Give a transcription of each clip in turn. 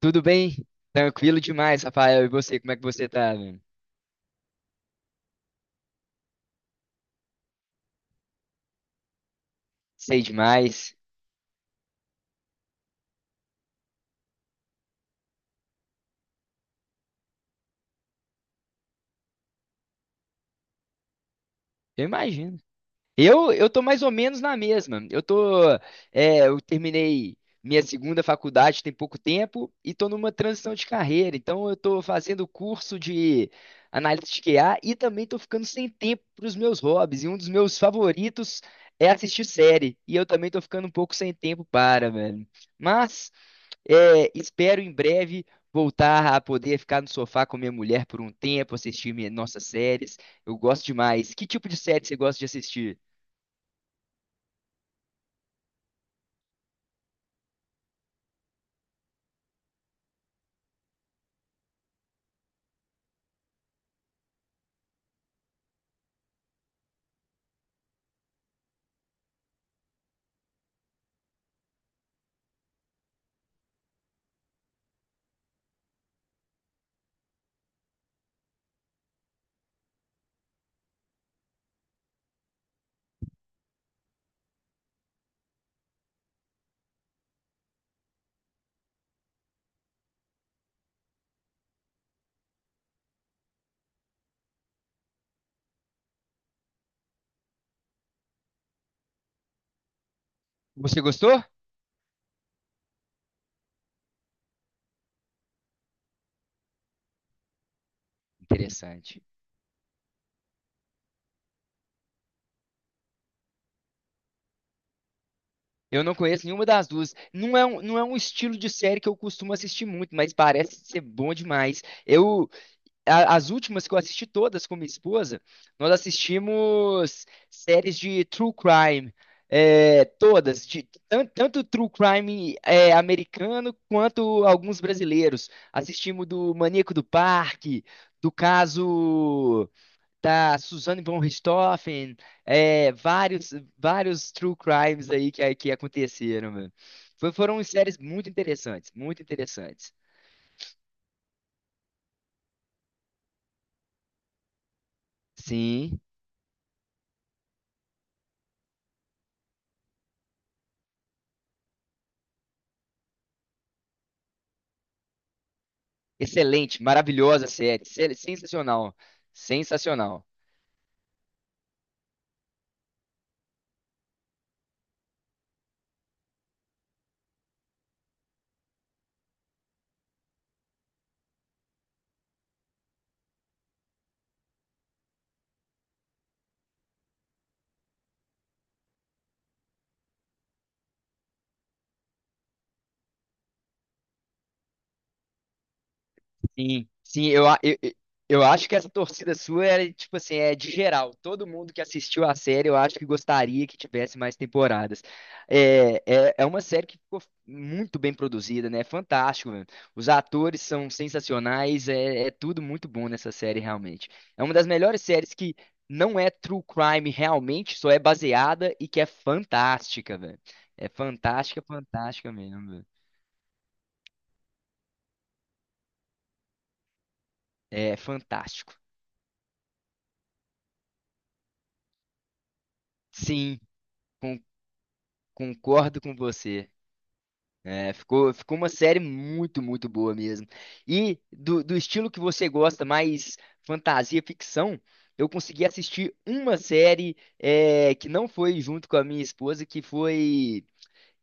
Tudo bem? Tranquilo demais, Rafael. E você, como é que você tá, mano? Sei demais. Eu imagino. Eu tô mais ou menos na mesma. Eu tô, eu terminei minha segunda faculdade tem pouco tempo e tô numa transição de carreira. Então eu tô fazendo curso de análise de QA e também tô ficando sem tempo para os meus hobbies. E um dos meus favoritos é assistir série. E eu também tô ficando um pouco sem tempo para, velho. Mas é, espero em breve voltar a poder ficar no sofá com minha mulher por um tempo, assistir minhas, nossas séries. Eu gosto demais. Que tipo de série você gosta de assistir? Você gostou? Interessante. Eu não conheço nenhuma das duas. Não é um estilo de série que eu costumo assistir muito, mas parece ser bom demais. Eu, as últimas que eu assisti todas com minha esposa, nós assistimos séries de true crime, é, todas, de, tanto, true crime americano quanto alguns brasileiros. Assistimos do Maníaco do Parque, do caso da Suzane von Richthofen, é, vários true crimes aí que aconteceram, mano. Foram séries muito interessantes, muito interessantes. Sim. Excelente, maravilhosa série, sensacional, sensacional. Sim, sim, eu acho que essa torcida sua era, tipo assim, é de geral. Todo mundo que assistiu a série, eu acho que gostaria que tivesse mais temporadas. É uma série que ficou muito bem produzida, né? É fantástico, velho. Os atores são sensacionais, é, é tudo muito bom nessa série, realmente. É uma das melhores séries que não é true crime realmente, só é baseada e que é fantástica, velho. É fantástica, fantástica mesmo, velho. É fantástico. Sim. Concordo com você. É, ficou uma série muito, muito boa mesmo. E do, do estilo que você gosta, mais fantasia, ficção, eu consegui assistir uma série que não foi junto com a minha esposa, que foi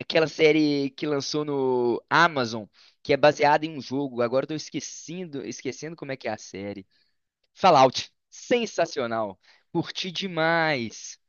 aquela série que lançou no Amazon, que é baseada em um jogo. Agora eu tô esquecendo, esquecendo como é que é a série. Fallout. Sensacional. Curti demais.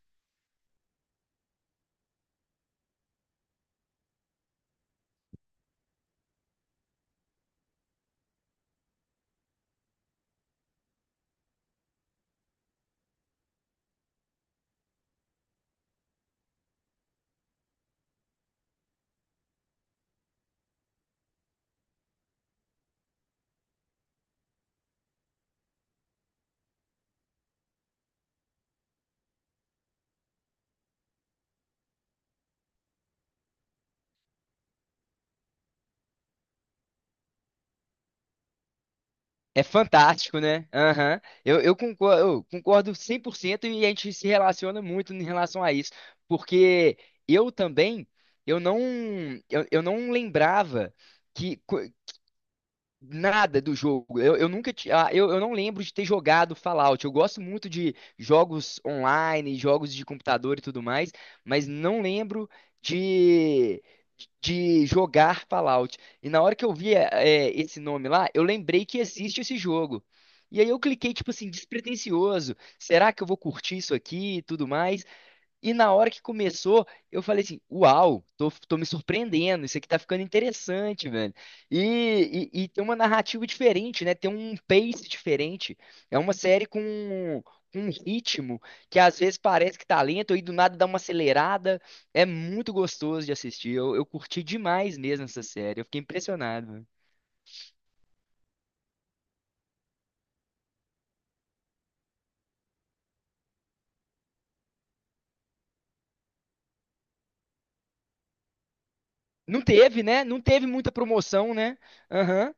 É fantástico, né? Aham. Eu concordo, eu concordo 100% e a gente se relaciona muito em relação a isso, porque eu também, eu não, eu não lembrava que, nada do jogo. Eu nunca ti- ah, eu não lembro de ter jogado Fallout. Eu gosto muito de jogos online, jogos de computador e tudo mais, mas não lembro de, de jogar Fallout. E na hora que eu vi esse nome lá, eu lembrei que existe esse jogo. E aí eu cliquei, tipo assim, despretensioso. Será que eu vou curtir isso aqui e tudo mais? E na hora que começou, eu falei assim: Uau, tô me surpreendendo, isso aqui tá ficando interessante, velho. E tem uma narrativa diferente, né? Tem um pace diferente. É uma série com um ritmo que às vezes parece que tá lento e do nada dá uma acelerada. É muito gostoso de assistir. Eu curti demais mesmo essa série. Eu fiquei impressionado, velho. Não teve, né? Não teve muita promoção, né? Aham.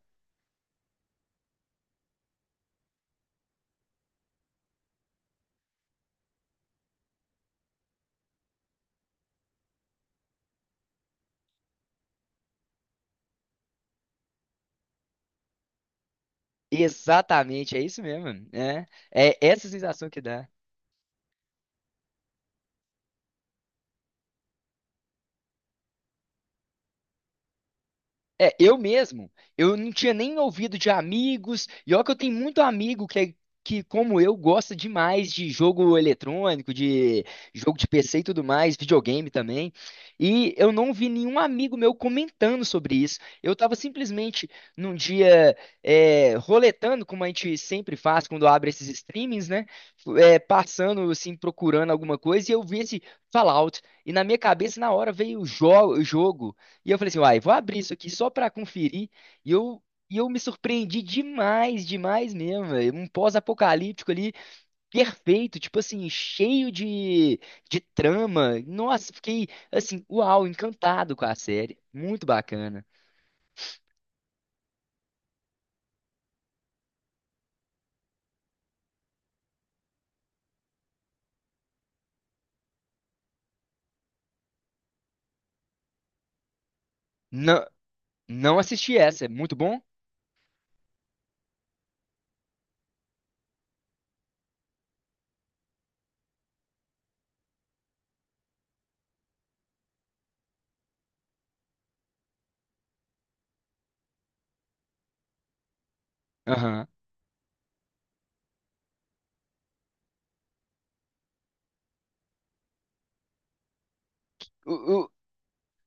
Exatamente, é isso mesmo. É, é essa sensação que dá. É, eu mesmo, eu não tinha nem ouvido de amigos, e olha que eu tenho muito amigo que, como eu, gosta demais de jogo eletrônico, de jogo de PC e tudo mais, videogame também, e eu não vi nenhum amigo meu comentando sobre isso. Eu estava simplesmente num dia roletando, como a gente sempre faz quando abre esses streamings, né? É, passando, assim, procurando alguma coisa, e eu vi esse Fallout, e na minha cabeça, na hora, veio o jogo. E eu falei assim, uai, vou abrir isso aqui só pra conferir. E eu, e eu me surpreendi demais, demais mesmo, velho. Um pós-apocalíptico ali, perfeito, tipo assim, cheio de trama. Nossa, fiquei, assim, uau, encantado com a série. Muito bacana. Não, não assisti essa, é muito bom? Aham. O- o-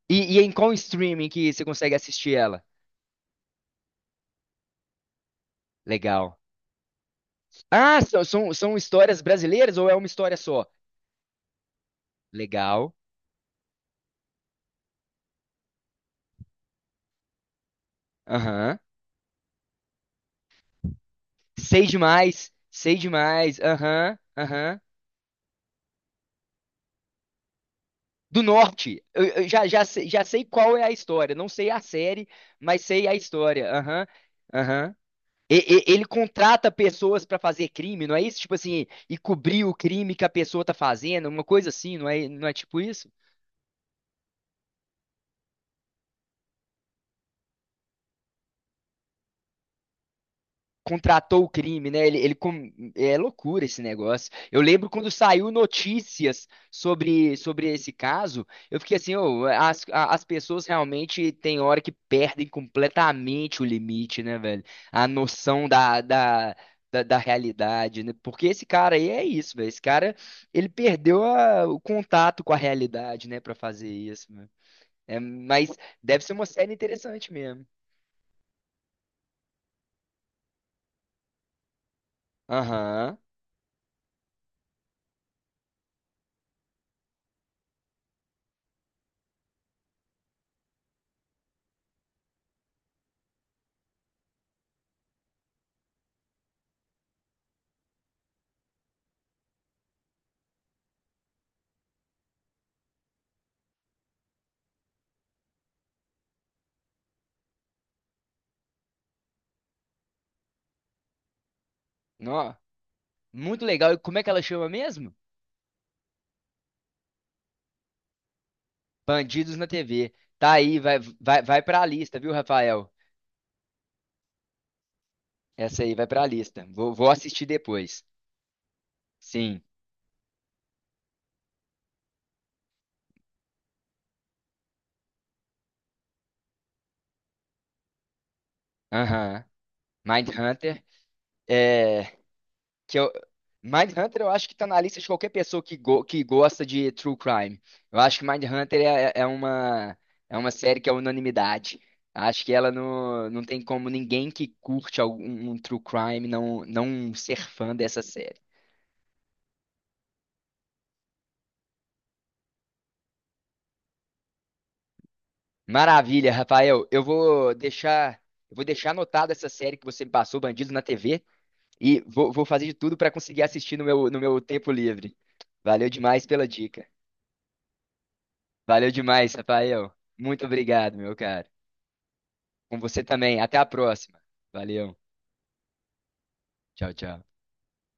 E em qual streaming que você consegue assistir ela? Legal. Ah, são histórias brasileiras ou é uma história só? Legal. Aham. Sei demais, sei demais. Aham, aham. Do norte. Eu, sei, já sei qual é a história. Não sei a série, mas sei a história. Aham, aham. Ele contrata pessoas pra fazer crime, não é isso? Tipo assim, e cobrir o crime que a pessoa tá fazendo, uma coisa assim, não é tipo isso? Contratou o crime, né? É loucura esse negócio. Eu lembro quando saiu notícias sobre esse caso, eu fiquei assim, ô, as pessoas realmente tem hora que perdem completamente o limite, né, velho? A noção da realidade, né? Porque esse cara aí é isso, velho. Esse cara, ele perdeu o contato com a realidade, né, pra fazer isso, né? É, mas deve ser uma série interessante mesmo. Aham. Nó. Muito legal. E como é que ela chama mesmo? Bandidos na TV. Tá aí, vai pra lista, viu, Rafael? Essa aí vai pra lista. Vou assistir depois. Sim. Aham. Mindhunter. É. Que eu... Mindhunter eu acho que tá na lista de qualquer pessoa que gosta de true crime. Eu acho que Mindhunter é uma série que é unanimidade. Acho que ela não, não tem como ninguém que curte algum um true crime não, não ser fã dessa série. Maravilha, Rafael. Eu vou deixar anotado essa série que você me passou, Bandidos na TV, e vou fazer de tudo para conseguir assistir no meu, no meu tempo livre. Valeu demais pela dica. Valeu demais, Rafael. Muito obrigado, meu cara. Com você também. Até a próxima. Valeu. Tchau, tchau.